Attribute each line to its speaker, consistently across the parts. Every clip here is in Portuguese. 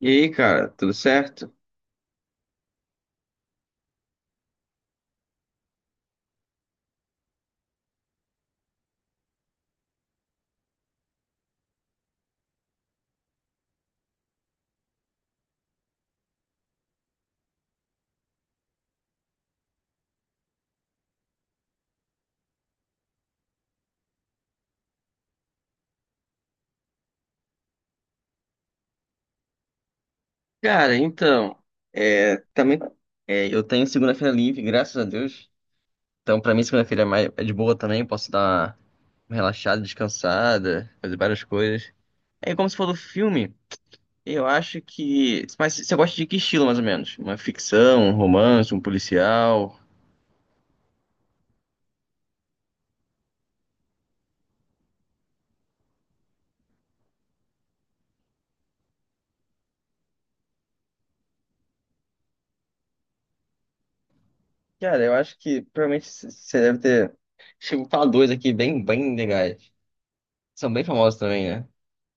Speaker 1: E aí, cara, tudo certo? Cara, então, também eu tenho segunda-feira livre, graças a Deus. Então, pra mim, segunda-feira é de boa também, posso dar uma relaxada, descansada, fazer várias coisas. É como se for do filme, eu acho que. Mas você gosta de que estilo, mais ou menos? Uma ficção, um romance, um policial? Cara, eu acho que você deve ter. Chegou a falar dois aqui bem legais. São bem famosos também, né?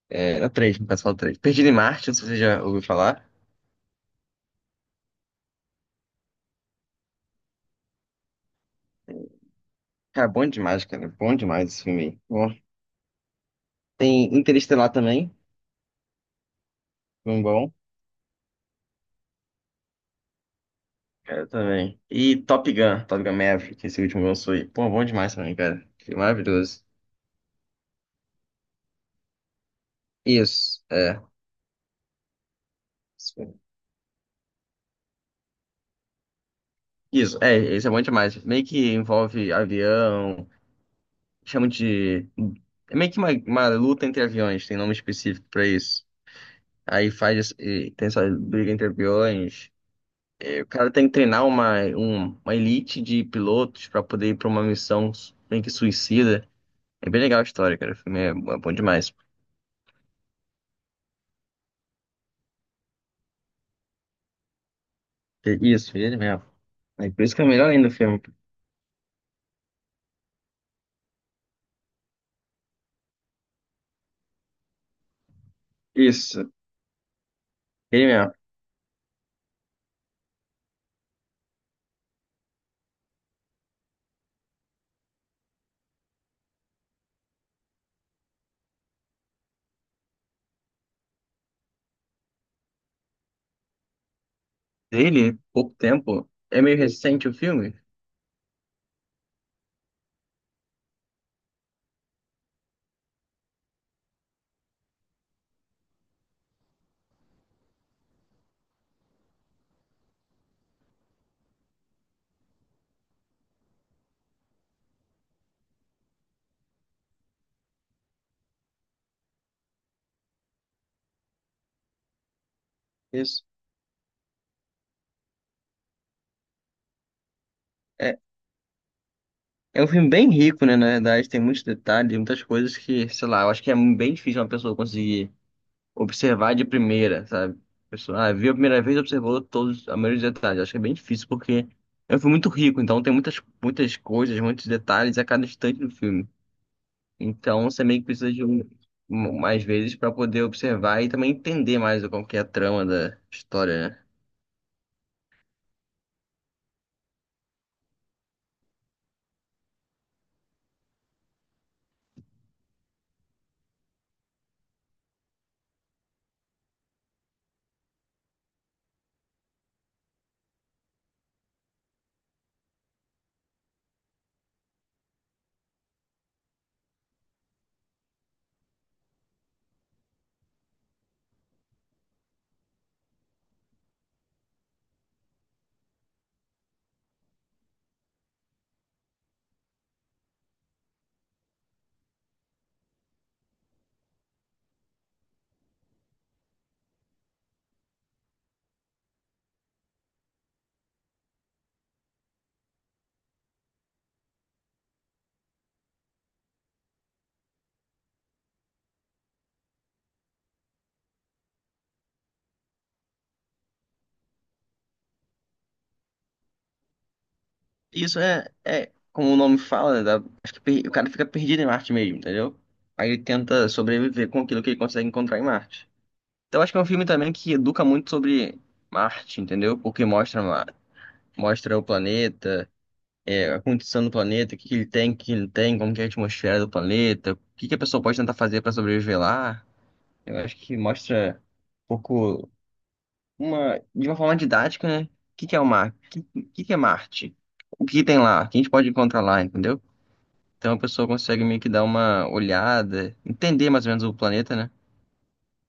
Speaker 1: É, na três, no caso, fala três. Perdido em Marte, não sei se você já ouviu falar. Cara. Bom demais esse filme. Aí. Bom, tem Interestelar também. Filme bom. Cara, também. E Top Gun, Top Gun Maverick, esse último que lançou aí. Pô, bom demais também, cara. Que maravilhoso. Isso, é. Isso, é, esse é bom demais. Meio que envolve avião, chama de. É meio que uma luta entre aviões, tem nome específico pra isso. Aí faz. Tem essa briga entre aviões. O cara tem que treinar uma elite de pilotos pra poder ir pra uma meio que suicida. É bem legal a história, cara. O filme é bom demais. É isso, ele mesmo. É por isso que é melhor ainda o filme. Isso, ele mesmo. Dele pouco tempo. É meio recente o filme? Isso. É, é um filme bem rico, né? Na verdade, tem muitos detalhes, muitas coisas que, sei lá, eu acho que é bem difícil uma pessoa conseguir. Observar de primeira, sabe? A pessoa, ah, viu a primeira vez, observou todos, a maioria dos detalhes. Acho que é bem difícil porque é um filme muito rico, então tem muitas coisas, muitos detalhes a cada instante do filme. Então você meio que precisa de mais vezes para poder observar e também entender mais como que é a trama da história, né? É como o nome fala, né, acho que o cara fica perdido em Marte mesmo, entendeu? Aí ele tenta sobreviver com aquilo que ele consegue encontrar em Marte. Então acho que é um filme também que educa muito sobre Marte, entendeu? Porque mostra o planeta, a condição do planeta, o que que ele tem, o que que ele não tem, como que é a atmosfera do planeta, o que que a pessoa pode tentar fazer para sobreviver lá. Eu acho que mostra um pouco, de uma forma didática, né? O que que é o que que é Marte? O que que tem lá? O que a gente pode encontrar lá, entendeu? Então a pessoa consegue meio que dar uma olhada, entender mais ou menos o planeta, né?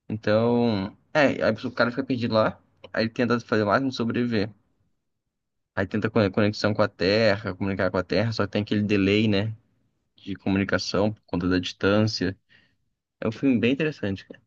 Speaker 1: Então, é, aí o cara fica perdido lá, aí ele tenta fazer o máximo de sobreviver. Aí tenta conexão com a Terra, comunicar com a Terra, só que tem aquele delay, né, de comunicação por conta da distância. É um filme bem interessante, cara.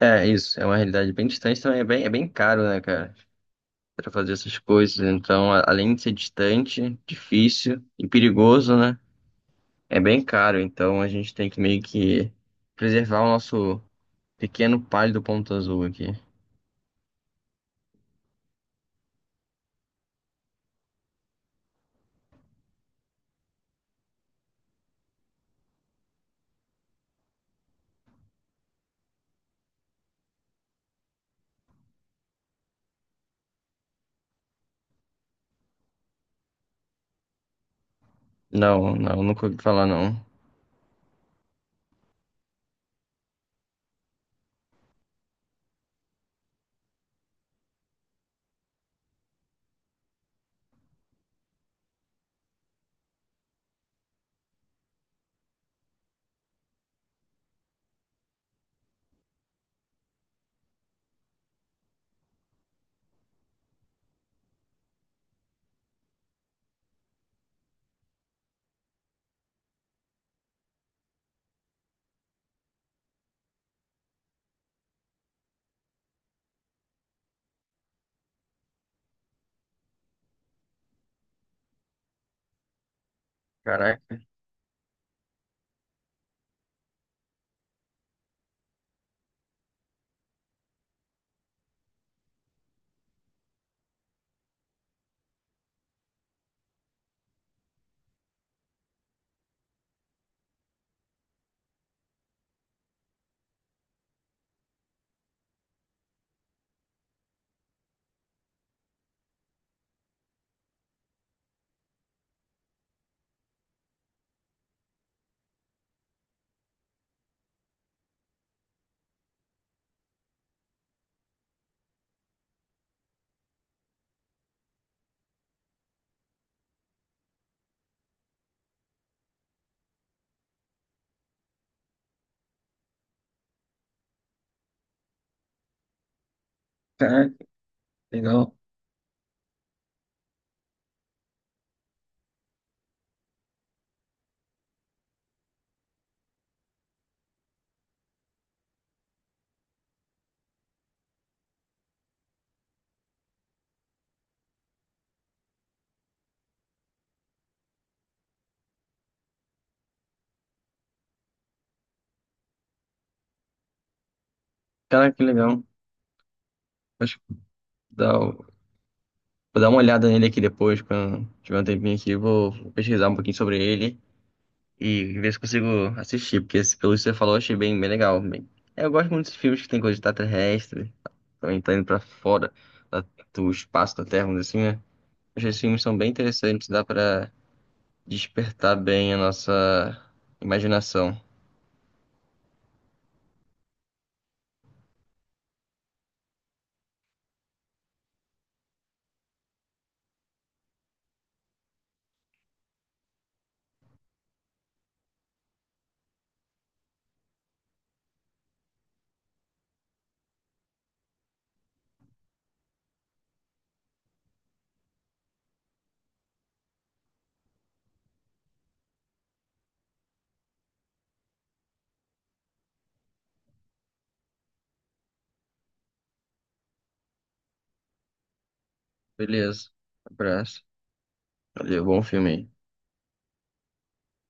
Speaker 1: É, isso, é uma realidade bem distante também, é bem caro, né, cara, pra fazer essas coisas. Então, além de ser distante, difícil e perigoso, né, é bem caro. Então, a gente tem que meio que preservar o nosso pequeno pálido ponto azul aqui. Não, não, nunca ouvi falar, não. Caraca. Caraca, legal. Caraca, que legal. Acho que vou dar, o- vou dar uma olhada nele aqui depois, quando tiver um tempinho aqui, vou pesquisar um pouquinho sobre ele e ver se consigo assistir, porque pelo que você falou, eu achei bem legal. Bem, é, eu gosto muito desses filmes que tem coisa de extraterrestre, também tá indo pra fora da- do espaço da Terra, vamos dizer assim, né? Acho que esses filmes são bem interessantes, dá pra despertar bem a nossa imaginação. Beleza, abraço. Valeu, bom filme aí.